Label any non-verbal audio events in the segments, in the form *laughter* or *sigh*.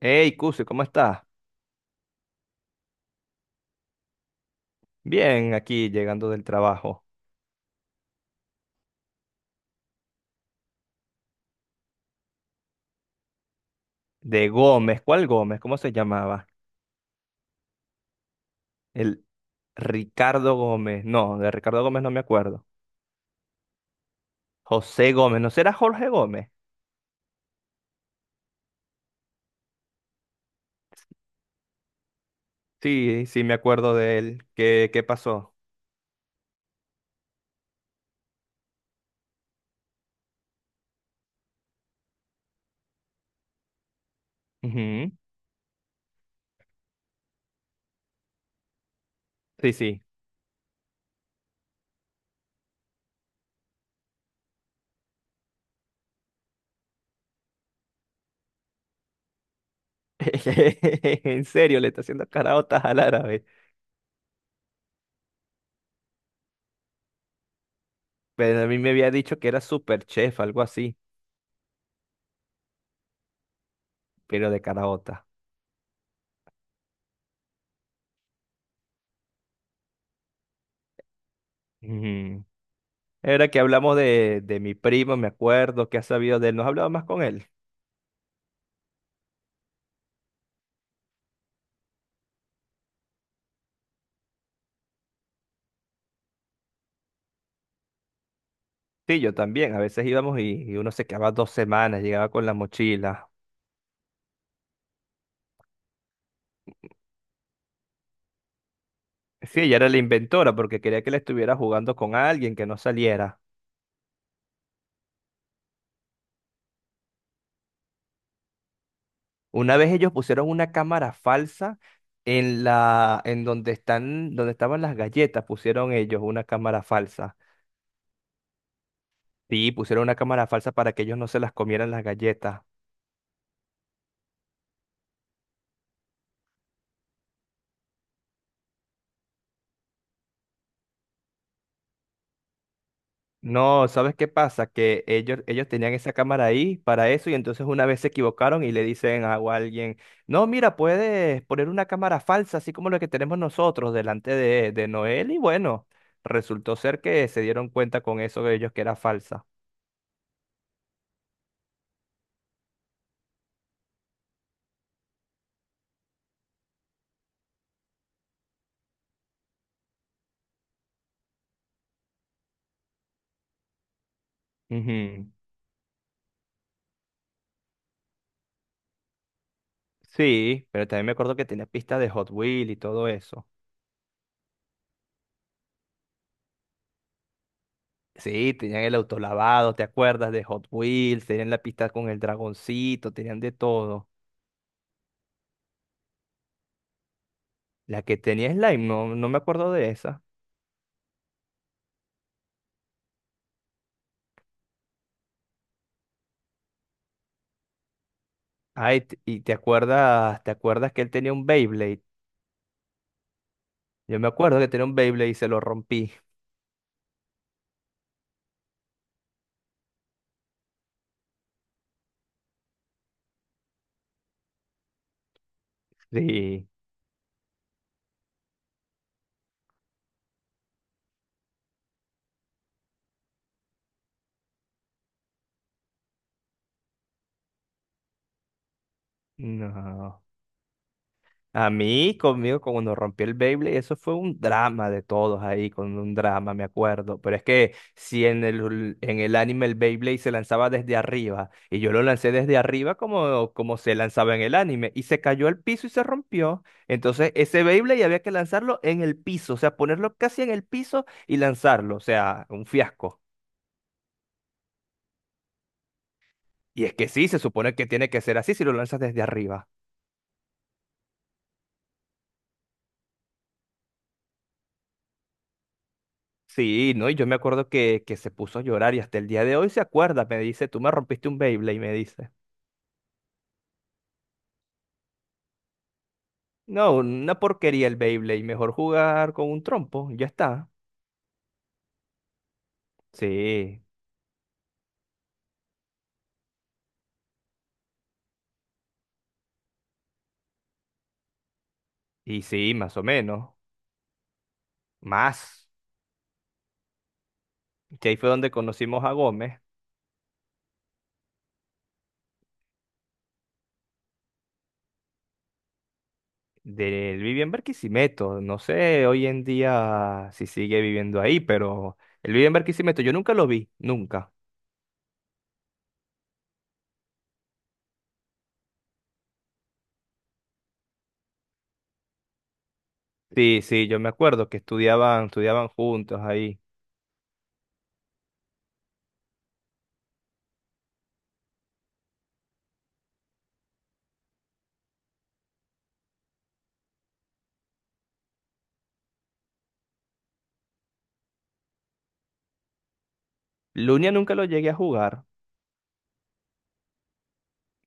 Hey, Cuse, ¿cómo estás? Bien, aquí llegando del trabajo. De Gómez, ¿cuál Gómez? ¿Cómo se llamaba? El Ricardo Gómez. No, de Ricardo Gómez no me acuerdo. José Gómez, ¿no será Jorge Gómez? Sí, sí, me acuerdo de él. ¿Qué pasó? Ujú. Sí, sí. *laughs* En serio, le está haciendo caraotas al árabe. Pero a mí me había dicho que era super chef, algo así, pero de caraota. Ujú. Era que hablamos de mi primo, me acuerdo, que ha sabido de él. ¿No has hablado más con él? Sí, yo también. A veces íbamos y uno se quedaba 2 semanas, llegaba con la mochila. Sí, ella era la inventora porque quería que la estuviera jugando con alguien que no saliera. Una vez ellos pusieron una cámara falsa en en donde estaban las galletas, pusieron ellos una cámara falsa. Sí, pusieron una cámara falsa para que ellos no se las comieran las galletas. No, ¿sabes qué pasa? Que ellos tenían esa cámara ahí para eso y entonces una vez se equivocaron y le dicen a alguien, no, mira, puedes poner una cámara falsa, así como la que tenemos nosotros delante de Noel y bueno, resultó ser que se dieron cuenta con eso de ellos que era falsa. Ujú. Sí, pero también me acuerdo que tenía pistas de Hot Wheels y todo eso. Sí, tenían el auto lavado, ¿te acuerdas? De Hot Wheels, tenían la pista con el dragoncito, tenían de todo. La que tenía Slime, no, no me acuerdo de esa. Ay, y te acuerdas que él tenía un Beyblade. Yo me acuerdo que tenía un Beyblade y se lo rompí. *laughs* Sí. No. A mí, conmigo, cuando rompí el Beyblade, eso fue un drama de todos ahí, con un drama, me acuerdo. Pero es que si en el anime el Beyblade se lanzaba desde arriba, y yo lo lancé desde arriba como se lanzaba en el anime, y se cayó al piso y se rompió. Entonces, ese Beyblade había que lanzarlo en el piso, o sea, ponerlo casi en el piso y lanzarlo, o sea, un fiasco. Y es que sí, se supone que tiene que ser así si lo lanzas desde arriba. Sí, ¿no? Y yo me acuerdo que se puso a llorar y hasta el día de hoy se acuerda. Me dice, tú me rompiste un Beyblade, me dice. No, una porquería el Beyblade. Mejor jugar con un trompo, ya está. Sí, y sí, más o menos. Más. Que ahí fue donde conocimos a Gómez. Él vivía en Barquisimeto. No sé hoy en día si sigue viviendo ahí, pero él vive en Barquisimeto. Yo nunca lo vi, nunca. Sí, sí, yo me acuerdo que estudiaban juntos ahí. Lunia nunca lo llegué a jugar.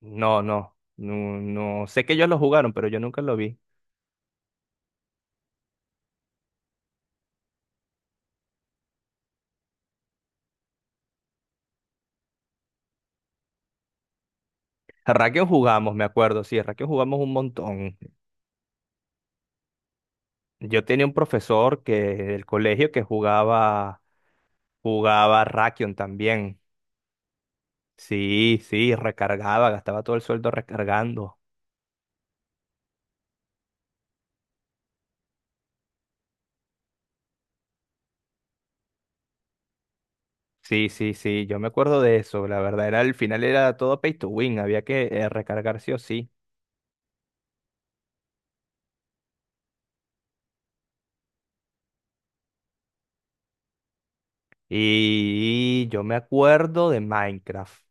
No, no, no, no. Sé que ellos lo jugaron, pero yo nunca lo vi. Rakion jugamos, me acuerdo, sí, Rakion jugamos un montón. Yo tenía un profesor que del colegio que jugaba Rakion también. Sí, sí, recargaba, gastaba todo el sueldo recargando. Sí, sí, sí, yo me acuerdo de eso, la verdad, era al final era todo pay to win, había que recargar sí o sí. Y yo me acuerdo de Minecraft.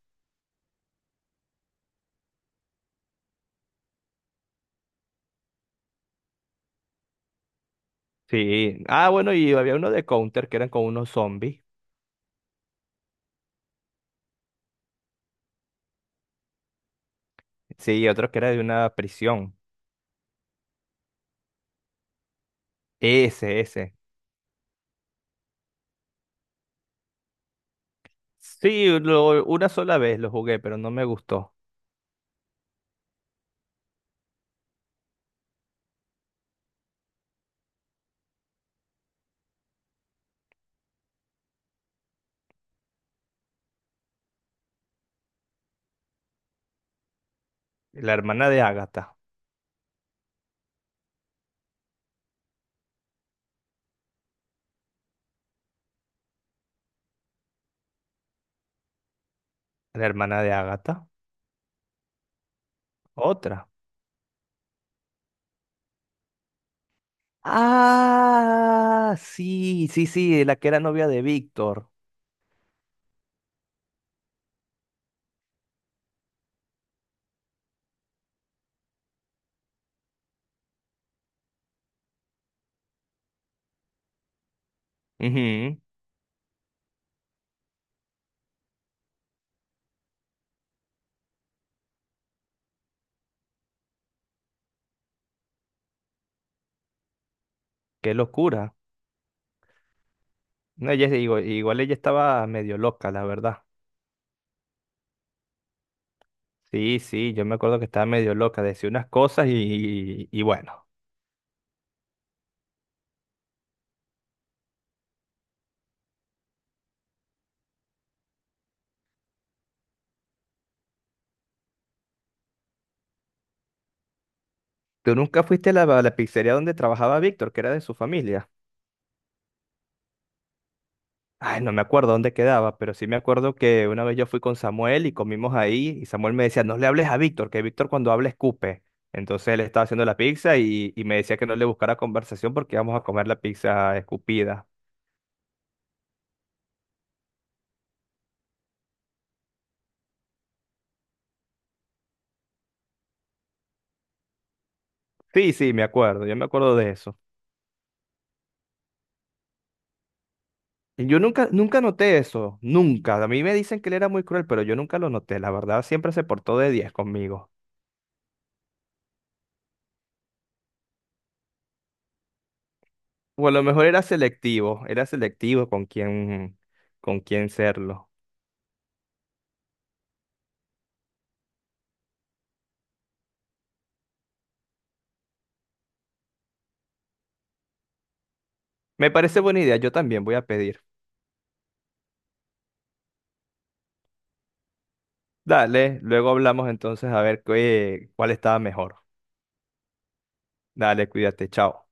Sí. Ah, bueno, y había uno de Counter que eran con unos zombies. Sí, y otro que era de una prisión. Ese, ese. Sí, una sola vez lo jugué, pero no me gustó. La hermana de Ágata. La hermana de Ágata. Otra. Ah, sí, sí, sí, la que era novia de Víctor. Ujú, qué locura. No, ella, igual, igual ella estaba medio loca, la verdad. Sí, sí, yo me acuerdo que estaba medio loca, decía unas cosas y bueno. ¿Tú nunca fuiste a la pizzería donde trabajaba Víctor, que era de su familia? Ay, no me acuerdo dónde quedaba, pero sí me acuerdo que una vez yo fui con Samuel y comimos ahí y Samuel me decía, no le hables a Víctor, que Víctor cuando habla escupe. Entonces él estaba haciendo la pizza y me decía que no le buscara conversación porque íbamos a comer la pizza escupida. Sí, sí, me acuerdo, yo me acuerdo de eso. Yo nunca, nunca noté eso, nunca. A mí me dicen que él era muy cruel, pero yo nunca lo noté. La verdad, siempre se portó de 10 conmigo. O a lo mejor era selectivo con quién serlo. Me parece buena idea, yo también voy a pedir. Dale, luego hablamos entonces a ver cuál estaba mejor. Dale, cuídate, chao.